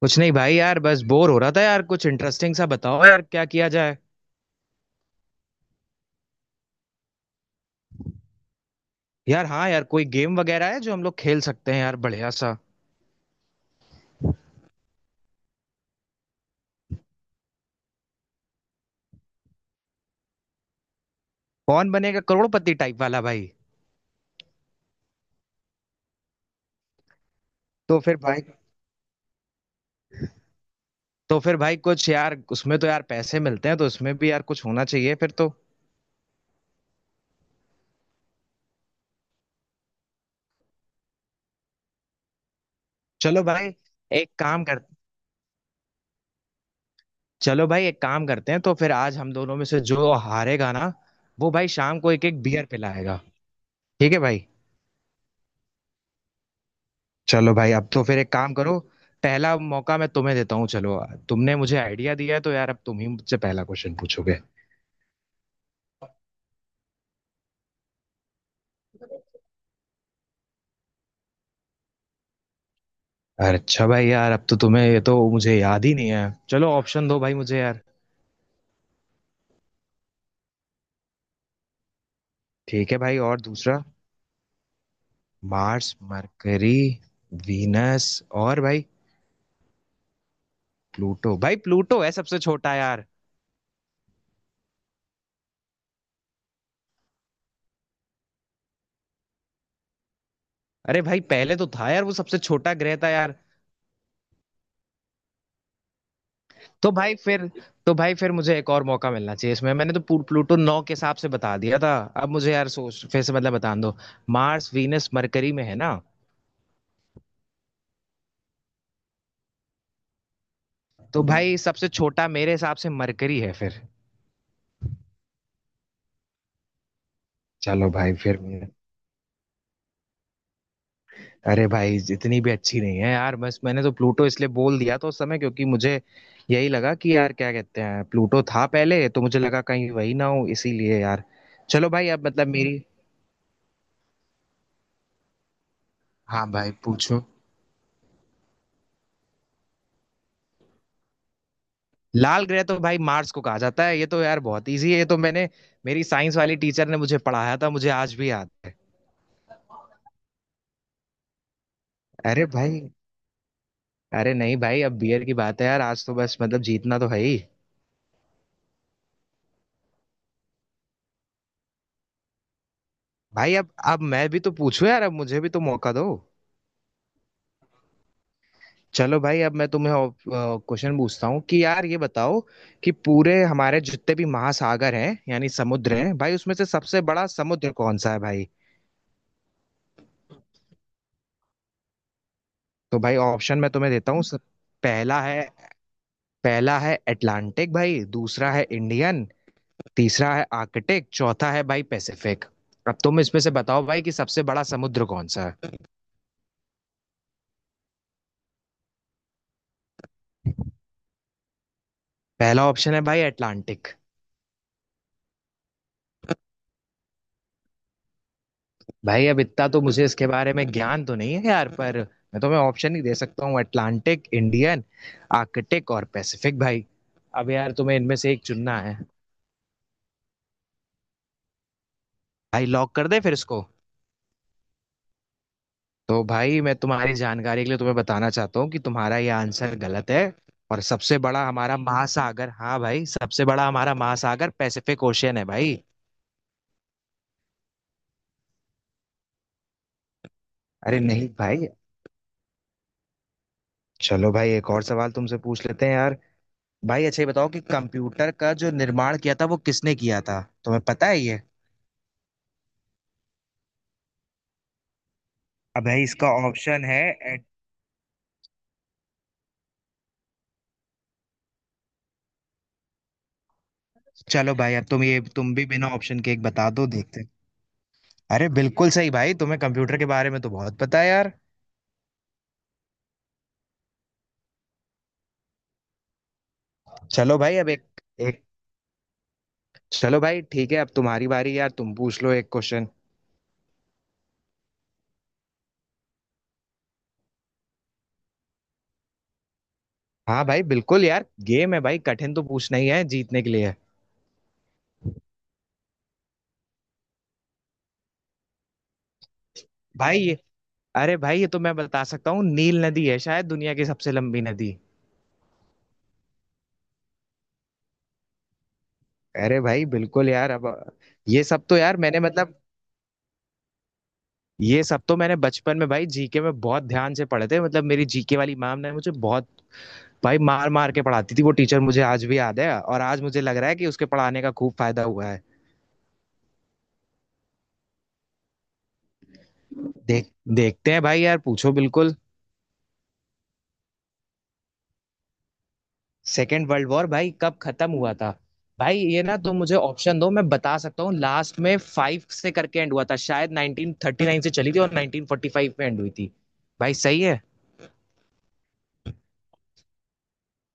कुछ नहीं भाई, यार बस बोर हो रहा था। यार कुछ इंटरेस्टिंग सा बताओ, यार क्या किया जाए। यार हाँ यार, कोई गेम वगैरह है जो हम लोग खेल सकते हैं, यार बढ़िया सा। कौन बनेगा करोड़पति टाइप वाला भाई। तो फिर भाई तो फिर भाई कुछ यार, उसमें तो यार पैसे मिलते हैं तो उसमें भी यार कुछ होना चाहिए फिर तो। चलो भाई एक काम कर चलो भाई एक काम करते हैं, तो फिर आज हम दोनों में से जो हारेगा ना वो भाई शाम को एक एक बियर पिलाएगा। ठीक है भाई। चलो भाई अब तो फिर एक काम करो, पहला मौका मैं तुम्हें देता हूँ। चलो, तुमने मुझे आइडिया दिया है तो यार अब तुम ही मुझसे पहला क्वेश्चन पूछोगे। अरे अच्छा भाई, यार अब तो तुम्हें ये, तो मुझे याद ही नहीं है। चलो ऑप्शन दो भाई मुझे यार। ठीक है भाई, और दूसरा? मार्स, मरकरी, वीनस, और भाई प्लूटो। भाई प्लूटो है सबसे छोटा यार। अरे भाई पहले तो था यार, वो सबसे छोटा ग्रह था यार। तो भाई फिर तो भाई फिर मुझे एक और मौका मिलना चाहिए। इसमें मैंने तो प्लूटो नौ के हिसाब से बता दिया था। अब मुझे यार सोच, फिर से मतलब बता दो। मार्स, वीनस, मरकरी में है ना। तो भाई सबसे छोटा मेरे हिसाब से मरकरी है फिर। चलो भाई फिर। अरे भाई इतनी भी अच्छी नहीं है यार, बस मैंने तो प्लूटो इसलिए बोल दिया था उस समय, क्योंकि मुझे यही लगा कि यार क्या कहते हैं, प्लूटो था पहले, तो मुझे लगा कहीं वही ना हो, इसीलिए यार। चलो भाई अब मतलब मेरी। हाँ भाई पूछो। लाल ग्रह तो भाई मार्स को कहा जाता है, ये तो यार बहुत इजी है, ये तो मैंने, मेरी साइंस वाली टीचर ने मुझे पढ़ाया था, मुझे आज भी याद है। अरे भाई। अरे नहीं भाई, अब बियर की बात है यार, आज तो बस मतलब जीतना तो है ही। भाई अब मैं भी तो पूछूं यार, अब मुझे भी तो मौका दो। चलो भाई अब मैं तुम्हें क्वेश्चन पूछता हूँ कि यार ये बताओ कि पूरे हमारे जितने भी महासागर हैं यानी समुद्र हैं भाई, उसमें से सबसे बड़ा समुद्र कौन सा है भाई। तो भाई ऑप्शन मैं तुम्हें देता हूँ, पहला है पहला है अटलांटिक भाई, दूसरा है इंडियन, तीसरा है आर्कटिक, चौथा है भाई पैसिफिक। अब तुम इसमें से बताओ भाई कि सबसे बड़ा समुद्र कौन सा है। पहला ऑप्शन है भाई अटलांटिक। भाई अब इतना तो मुझे इसके बारे में ज्ञान तो नहीं है यार, पर मैं तुम्हें ऑप्शन ही दे सकता हूँ, अटलांटिक, इंडियन, आर्कटिक और पैसिफिक भाई। अब यार तुम्हें इनमें से एक चुनना है। भाई लॉक कर दे फिर इसको। तो भाई मैं तुम्हारी जानकारी के लिए तुम्हें बताना चाहता हूँ कि तुम्हारा यह आंसर गलत है, और सबसे बड़ा हमारा महासागर, हाँ भाई सबसे बड़ा हमारा महासागर पैसिफिक ओशियन है भाई। अरे नहीं भाई। चलो भाई एक और सवाल तुमसे पूछ लेते हैं यार। भाई अच्छा ये बताओ कि कंप्यूटर का जो निर्माण किया था वो किसने किया था, तुम्हें पता है ये? अब भाई इसका ऑप्शन है, एड- चलो भाई अब तुम, ये तुम भी बिना ऑप्शन के एक बता दो, देखते हैं। अरे बिल्कुल सही भाई, तुम्हें कंप्यूटर के बारे में तो बहुत पता है यार। चलो भाई अब एक, चलो भाई ठीक है अब तुम्हारी बारी यार, तुम पूछ लो एक क्वेश्चन। हाँ भाई बिल्कुल यार, गेम है भाई कठिन तो पूछना ही है, जीतने के लिए है। भाई ये अरे भाई ये तो मैं बता सकता हूँ, नील नदी है शायद दुनिया की सबसे लंबी नदी। अरे भाई बिल्कुल यार। अब ये सब तो यार मैंने मतलब, ये सब तो मैंने बचपन में भाई जीके में बहुत ध्यान से पढ़े थे, मतलब मेरी जीके वाली मैम ने मुझे बहुत भाई मार मार के पढ़ाती थी, वो टीचर मुझे आज भी याद है और आज मुझे लग रहा है कि उसके पढ़ाने का खूब फायदा हुआ है। देख देखते हैं भाई, यार पूछो बिल्कुल। सेकेंड वर्ल्ड वॉर भाई कब खत्म हुआ था? भाई ये ना तुम मुझे ऑप्शन दो, मैं बता सकता हूँ, लास्ट में फाइव से करके एंड हुआ था शायद, 1939 से चली थी और 1945 में एंड हुई थी। भाई सही है।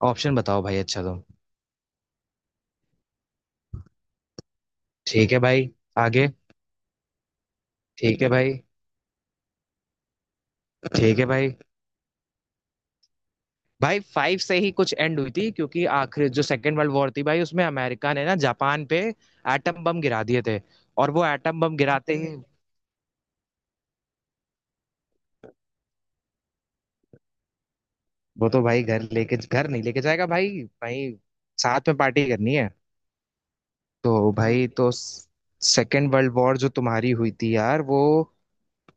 ऑप्शन बताओ भाई, अच्छा तुम। ठीक है भाई। आगे। ठीक है भाई। ठीक है भाई। भाई फाइव से ही कुछ एंड हुई थी, क्योंकि आखिर जो सेकेंड वर्ल्ड वॉर थी भाई, उसमें अमेरिका ने ना जापान पे एटम बम गिरा दिए थे। और वो एटम बम गिराते ही, वो तो भाई घर लेके, घर नहीं लेके जाएगा भाई। भाई साथ में पार्टी करनी है। तो भाई, तो सेकेंड वर्ल्ड वॉर जो तुम्हारी हुई थी यार, वो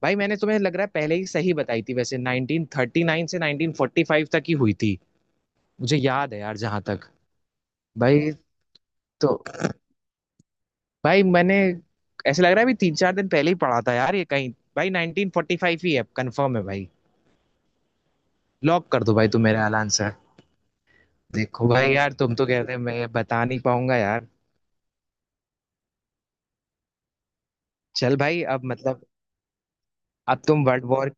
भाई मैंने तुम्हें, लग रहा है पहले ही सही बताई थी, वैसे 1939 से 1945 तक ही हुई थी, मुझे याद है यार जहां तक। भाई, तो भाई मैंने, ऐसे लग रहा है अभी तीन चार दिन पहले ही पढ़ा था यार ये कहीं। भाई 1945 ही है, कंफर्म है भाई। लॉक कर दो भाई, तुम मेरा एलान सर। देखो भाई यार, तुम तो कहते हैं मैं बता नहीं पाऊंगा यार। चल भाई अब मतलब, अब तुम वर्ल्ड वॉर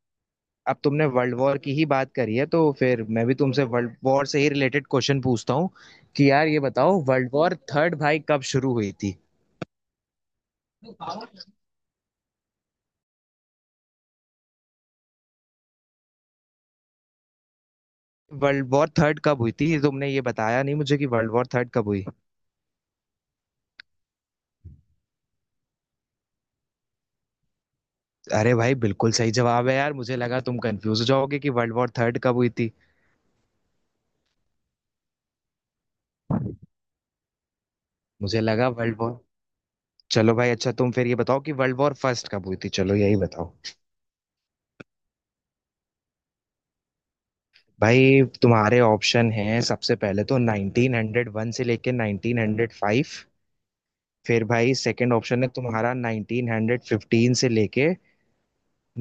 अब तुमने वर्ल्ड वॉर की ही बात करी है तो फिर मैं भी तुमसे वर्ल्ड वॉर से ही रिलेटेड क्वेश्चन पूछता हूँ कि यार ये बताओ वर्ल्ड वॉर थर्ड भाई कब शुरू हुई थी? वर्ल्ड वॉर थर्ड कब हुई थी, तुमने ये बताया नहीं मुझे कि वर्ल्ड वॉर थर्ड कब हुई? अरे भाई बिल्कुल सही जवाब है यार, मुझे लगा तुम कंफ्यूज हो जाओगे कि वर्ल्ड वॉर थर्ड कब हुई थी। मुझे लगा वर्ल्ड वॉर चलो भाई अच्छा तुम फिर ये बताओ कि वर्ल्ड वॉर फर्स्ट कब हुई थी, चलो यही बताओ। भाई तुम्हारे ऑप्शन हैं, सबसे पहले तो 1901 से लेके 1905, फिर भाई सेकंड ऑप्शन है तुम्हारा 1915 से लेके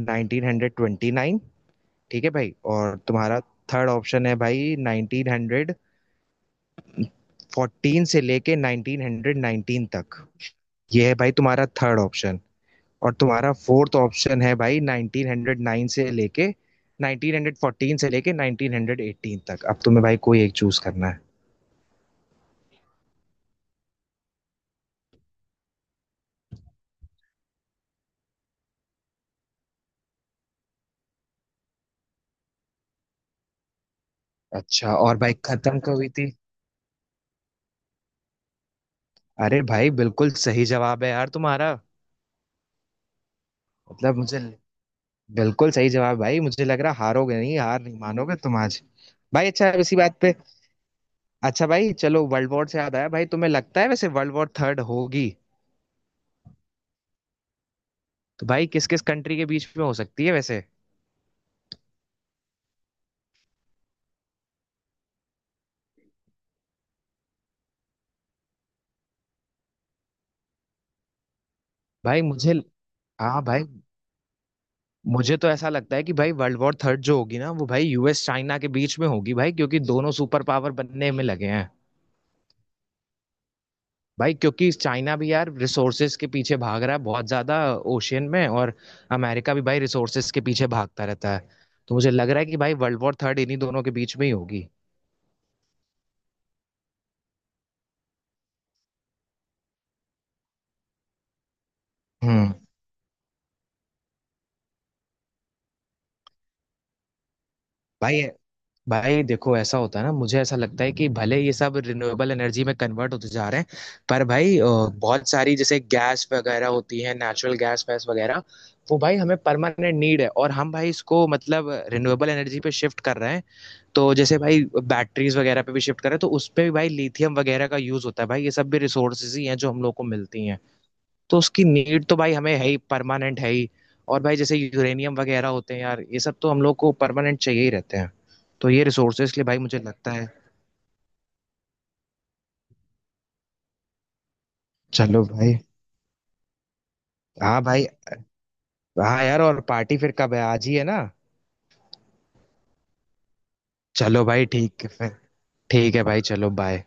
1929। ठीक है भाई, और तुम्हारा थर्ड ऑप्शन है भाई 1914 से लेके 1919 तक, ये है भाई तुम्हारा थर्ड ऑप्शन। और तुम्हारा फोर्थ ऑप्शन है भाई 1909 से लेके, 1914 से लेके 1918 तक, अब तुम्हें भाई कोई एक चूज करना है। अच्छा, और भाई खत्म कब हुई थी? अरे भाई बिल्कुल सही जवाब है यार तुम्हारा, मतलब मुझे, बिल्कुल सही जवाब भाई, मुझे लग रहा हारोगे नहीं, हार नहीं मानोगे तुम आज। भाई अच्छा इसी बात पे, अच्छा भाई चलो वर्ल्ड वॉर से याद आया भाई, तुम्हें लगता है वैसे वर्ल्ड वॉर थर्ड होगी? तो भाई किस किस कंट्री के बीच में हो सकती है वैसे? भाई मुझे हाँ भाई, मुझे तो ऐसा लगता है कि भाई वर्ल्ड वॉर थर्ड जो होगी ना वो भाई यूएस चाइना के बीच में होगी भाई, क्योंकि दोनों सुपर पावर बनने में लगे हैं। भाई क्योंकि चाइना भी यार रिसोर्सेज के पीछे भाग रहा है बहुत ज्यादा, ओशियन में, और अमेरिका भी भाई रिसोर्सेज के पीछे भागता रहता है, तो मुझे लग रहा है कि भाई वर्ल्ड वॉर थर्ड इन्हीं दोनों के बीच में ही होगी। हम्म। भाई भाई देखो ऐसा होता है ना, मुझे ऐसा लगता है कि भले ये सब रिन्यूएबल एनर्जी में कन्वर्ट होते जा रहे हैं, पर भाई बहुत सारी जैसे गैस वगैरह होती है, नेचुरल गैस वैस वगैरह, वो भाई हमें परमानेंट नीड है, और हम भाई इसको मतलब रिन्यूएबल एनर्जी पे शिफ्ट कर रहे हैं। तो जैसे भाई बैटरीज वगैरह पे भी शिफ्ट करें, तो उस पे भी भाई लिथियम वगैरह का यूज होता है, भाई ये सब भी रिसोर्सेज ही हैं जो हम लोग को मिलती हैं, तो उसकी नीड तो भाई हमें है ही, परमानेंट है ही। और भाई जैसे यूरेनियम वगैरह होते हैं यार, ये सब तो हम लोग को परमानेंट चाहिए ही रहते हैं, तो ये रिसोर्सेज के लिए भाई मुझे लगता है। चलो भाई। हाँ भाई, हाँ यार और पार्टी फिर कब है, आज ही है ना? चलो भाई ठीक है फिर। ठीक है भाई, चलो बाय।